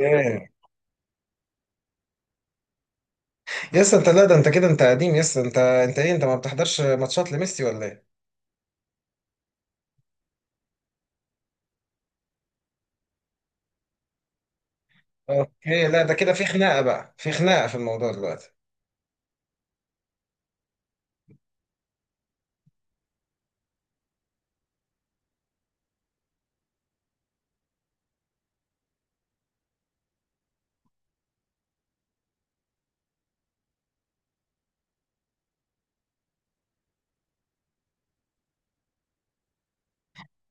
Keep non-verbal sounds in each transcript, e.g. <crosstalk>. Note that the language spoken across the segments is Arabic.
ايه يس انت لا ده انت كده انت قديم يس انت انت ايه انت ما بتحضرش ماتشات لميسي ولا ايه؟ اوكي لا ده كده في خناقه بقى في خناقه في الموضوع دلوقتي.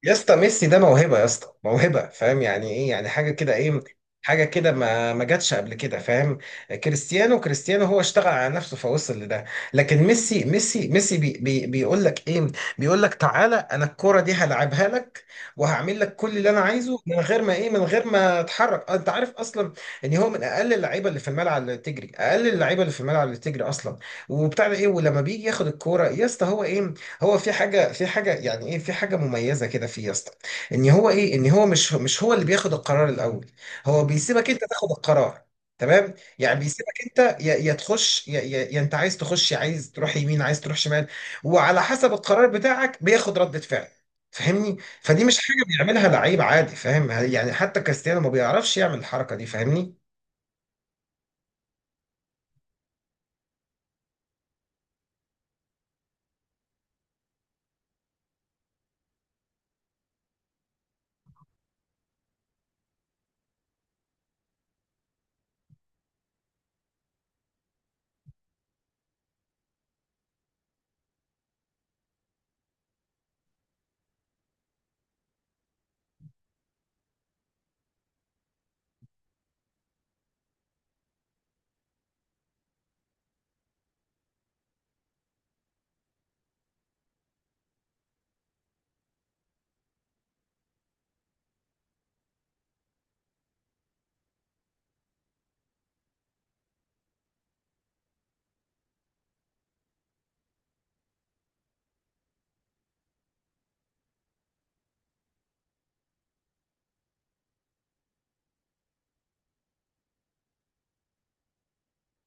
يا اسطى ميسي ده موهبه يا اسطى موهبه فاهم يعني ايه يعني حاجه كده ايه حاجه كده ما جاتش قبل كده فاهم. كريستيانو هو اشتغل على نفسه فوصل لده. لكن ميسي بي بي بيقول لك ايه بيقول لك تعالى انا الكره دي هلعبها لك وهعمل لك كل اللي انا عايزه من غير ما ايه من غير ما اتحرك انت عارف اصلا ان هو من اقل اللعيبه اللي في الملعب اللي تجري اقل اللعيبه اللي في الملعب اللي تجري اصلا وبتاع ده ايه. ولما بيجي ياخد الكوره يا اسطى هو ايه هو في حاجة يعني ايه في حاجة مميزة كده فيه يا اسطى ان هو ايه ان هو مش هو اللي بياخد القرار الاول هو بيسيبك انت تاخد القرار. تمام. يعني بيسيبك انت يا تخش يا انت عايز تخش عايز تروح يمين عايز تروح شمال وعلى حسب القرار بتاعك بياخد ردة فعل فاهمني. فدي مش حاجة بيعملها لعيب عادي فاهم يعني حتى كريستيانو ما بيعرفش يعمل الحركة دي فاهمني.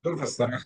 دول في الصراحة.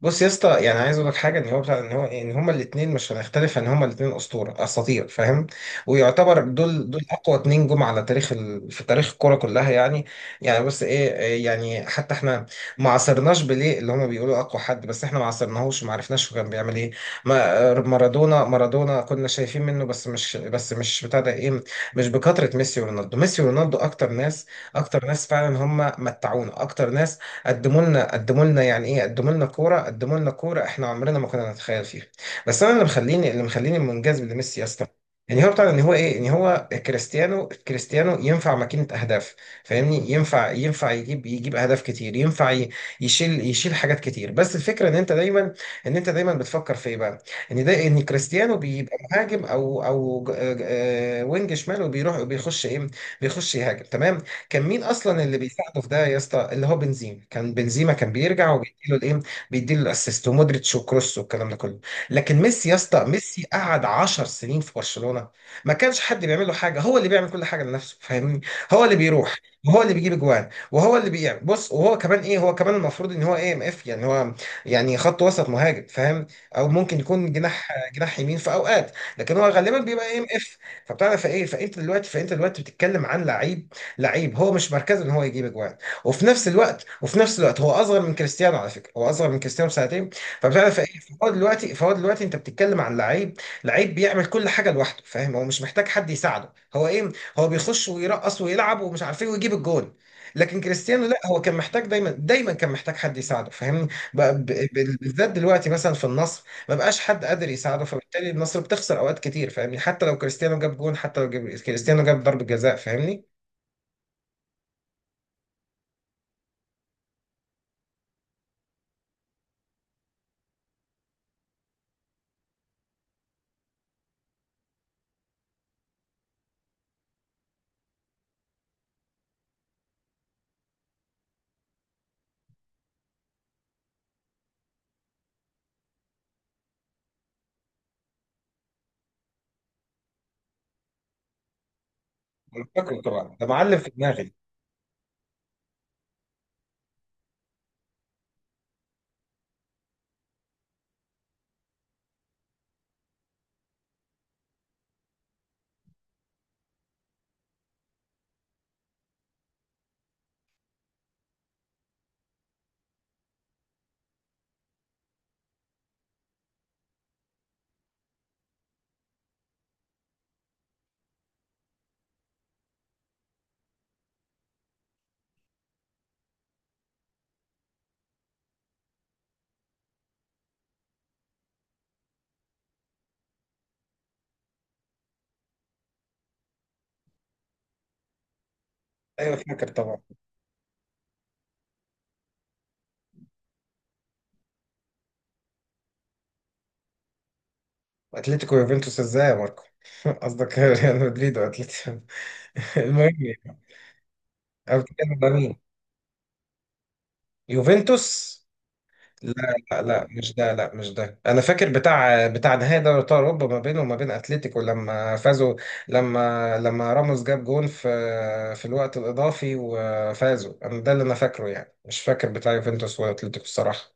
بص يا اسطى يعني عايز اقول لك حاجه ان هو بتاع ان هو ان هما الاثنين مش هنختلف ان هما الاثنين اسطوره اساطير فاهم ويعتبر دول اقوى اتنين جم على تاريخ في تاريخ الكوره كلها يعني. يعني بس ايه إيه يعني حتى احنا ما عاصرناش بيليه اللي هما بيقولوا اقوى حد بس احنا ما عاصرناهوش ما عرفناش هو كان بيعمل ايه. ما مارادونا كنا شايفين منه بس مش بتاع ده ايه مش بكثره ميسي ورونالدو. ميسي ورونالدو اكتر ناس فعلا هما متعونا اكتر ناس قدموا لنا يعني ايه قدموا لنا كوره احنا عمرنا ما كنا نتخيل فيها. بس انا اللي مخليني منجذب لميسي يا اسطى يعني هو بتاع ان هو ايه ان هو كريستيانو ينفع ماكينه اهداف فاهمني. ينفع يجيب اهداف كتير يشيل حاجات كتير. بس الفكره ان انت دايما بتفكر في ايه بقى ان ده ان كريستيانو بيبقى مهاجم وينج شمال وبيروح وبيخش ايه بيخش يهاجم. تمام. كان مين اصلا اللي بيساعده في ده يا اسطى اللي هو بنزيما. كان بيرجع وبيديله الايه بيديله الاسيست ومودريتش وكروس والكلام ده كله. لكن ميسي يا اسطى ميسي قعد 10 سنين في برشلونة ما كانش حد بيعمل له حاجه هو اللي بيعمل كل حاجه لنفسه فاهمني. هو اللي بيروح وهو اللي بيجيب اجوان وهو اللي بيعمل بص وهو كمان ايه هو كمان المفروض ان هو اي ام اف يعني هو يعني خط وسط مهاجم فاهم او ممكن يكون جناح جناح يمين في اوقات لكن هو غالبا بيبقى اي ام اف. فبتعرف ايه فانت دلوقتي بتتكلم عن لعيب لعيب هو مش مركزه ان هو يجيب اجوان. وفي نفس الوقت هو اصغر من كريستيانو على فكره هو اصغر من كريستيانو بسنتين فبتعرف ايه. فهو دلوقتي انت بتتكلم عن لعيب لعيب بيعمل كل حاجه لوحده فاهم. هو مش محتاج حد يساعده هو ايه هو بيخش ويرقص ويلعب ومش عارف ايه ويجيب الجون. لكن كريستيانو لا هو كان محتاج دايما كان محتاج حد يساعده فاهمني. بقى بالذات دلوقتي مثلا في النصر ما بقاش حد قادر يساعده فبالتالي النصر بتخسر اوقات كتير فاهمني حتى لو كريستيانو جاب جون حتى لو جاب كريستيانو جاب ضربة جزاء فاهمني. أنا فاكره طبعا ده معلم في دماغي. ايوه فاكر طبعا. اتلتيكو يوفنتوس ازاي يا ماركو <laughs> قصدك ريال مدريد واتلتيكو <laughs> المهم يعني، انا بتكلم ده مين يوفنتوس. لا لا مش ده انا فاكر بتاع نهائي دوري ابطال اوروبا ما بينه وما بين اتلتيكو لما فازوا لما راموس جاب جون في الوقت الاضافي وفازوا انا ده اللي انا فاكره يعني مش فاكر بتاع يوفنتوس واتلتيكو الصراحه.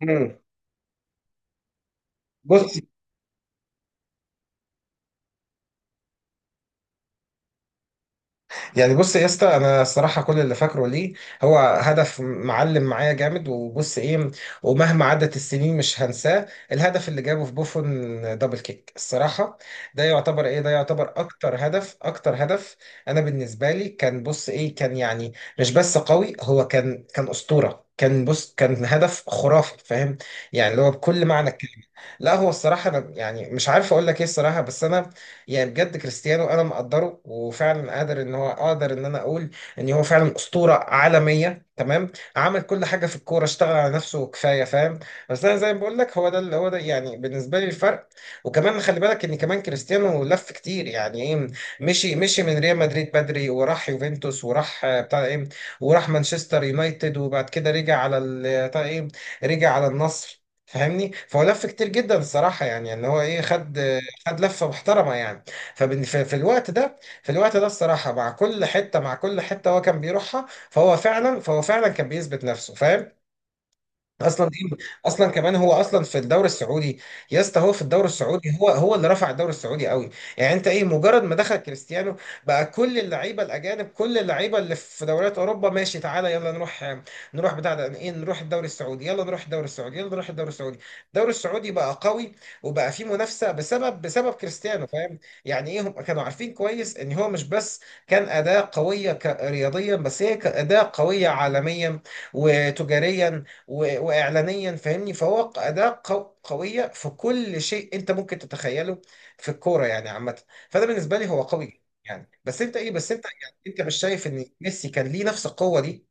مم. بص يعني بص يا اسطى انا الصراحه كل اللي فاكره ليه هو هدف معلم معايا جامد وبص ايه ومهما عدت السنين مش هنساه الهدف اللي جابه في بوفون دبل كيك الصراحه. ده يعتبر ايه ده يعتبر اكتر هدف انا بالنسبه لي كان بص ايه كان يعني مش بس قوي هو كان اسطوره كان بص كان هدف خرافي فاهم يعني اللي هو بكل معنى الكلمه. لا هو الصراحه انا يعني مش عارف اقول لك ايه الصراحه بس انا يعني بجد كريستيانو انا مقدره وفعلا قادر ان هو اقدر ان انا اقول ان هو فعلا اسطوره عالميه. تمام. عمل كل حاجه في الكوره اشتغل على نفسه كفايه فاهم. بس انا زي ما بقول لك هو ده اللي هو ده يعني بالنسبه لي الفرق. وكمان خلي بالك ان كمان كريستيانو لف كتير يعني ايه مشي من ريال مدريد بدري وراح يوفنتوس وراح بتاع ايه وراح مانشستر يونايتد وبعد كده رجع على بتاع ايه رجع على النصر فاهمني. فهو لف كتير جدا الصراحه يعني ان هو ايه خد لفه محترمه يعني. ففي الوقت ده الصراحه مع كل حته هو كان بيروحها فهو فعلا كان بيثبت نفسه فاهم. اصلا دي اصلا كمان هو اصلا في الدوري السعودي يا اسطى هو في الدوري السعودي هو اللي رفع الدوري السعودي قوي. يعني انت ايه مجرد ما دخل كريستيانو بقى كل اللعيبه الاجانب كل اللعيبه اللي في دوريات اوروبا ماشي تعالى يلا نروح بتاع ده ايه نروح الدوري السعودي يلا نروح الدوري السعودي يلا نروح الدوري السعودي. الدوري السعودي بقى قوي وبقى فيه منافسه بسبب كريستيانو فاهم. يعني ايه هم كانوا عارفين كويس ان هو مش بس كان اداه قويه رياضيا بس هي كاداه قويه عالميا وتجاريا واعلانيا فاهمني. فهو اداه قويه في كل شيء انت ممكن تتخيله في الكوره يعني عامه. فده بالنسبه لي هو قوي يعني بس انت ايه بس انت يعني انت مش شايف ان ميسي كان ليه نفس القوه دي؟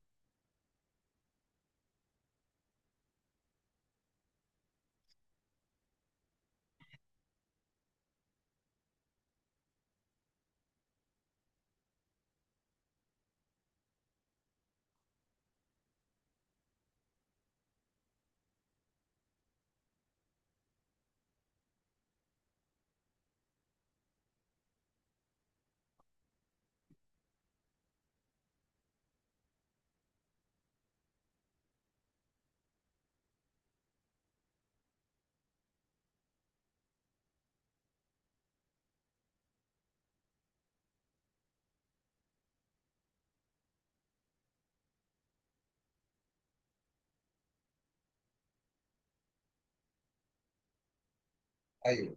ايوه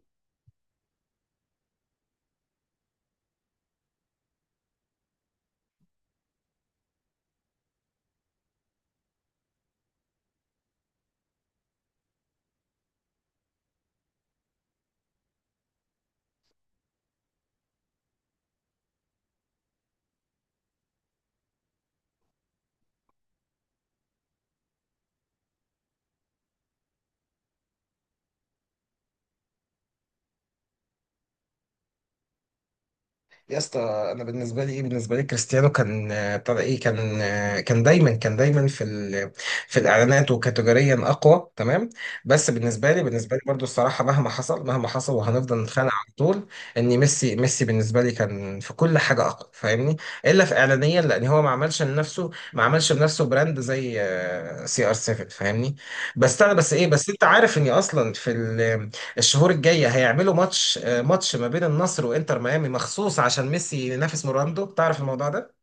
يا اسطى. انا بالنسبه لي ايه بالنسبه لي كريستيانو كان بتاع ده ايه كان كان دايما في في الاعلانات وكاتيجوريا اقوى. تمام. بس بالنسبه لي برضو الصراحه مهما حصل وهنفضل نتخانق على طول ان ميسي بالنسبه لي كان في كل حاجه اقوى فاهمني الا في اعلانيا لان هو ما عملش لنفسه براند زي سي ار CR7 فاهمني. بس انا بس ايه بس انت عارف اني اصلا في الشهور الجايه هيعملوا ماتش ما بين النصر وانتر ميامي مخصوص عشان ميسي ينافس رونالدو تعرف الموضوع ده.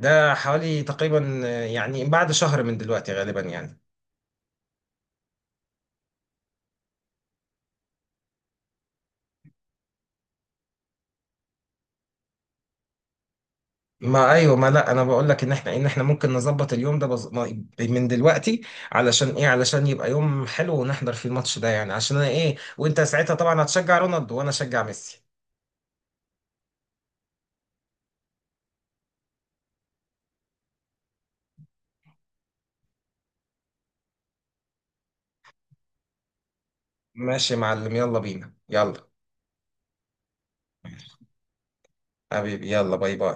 ده حوالي تقريبا يعني بعد شهر من دلوقتي غالبا يعني. ما ايوه ما لا انا بقول لك ان احنا ممكن نظبط اليوم ده بز... ما- من دلوقتي علشان ايه علشان يبقى يوم حلو ونحضر فيه الماتش ده يعني عشان انا ايه وانت ساعتها طبعا هتشجع رونالدو وانا اشجع ميسي. ماشي يا معلم يلا بينا يلا. حبيبي يلا. باي باي.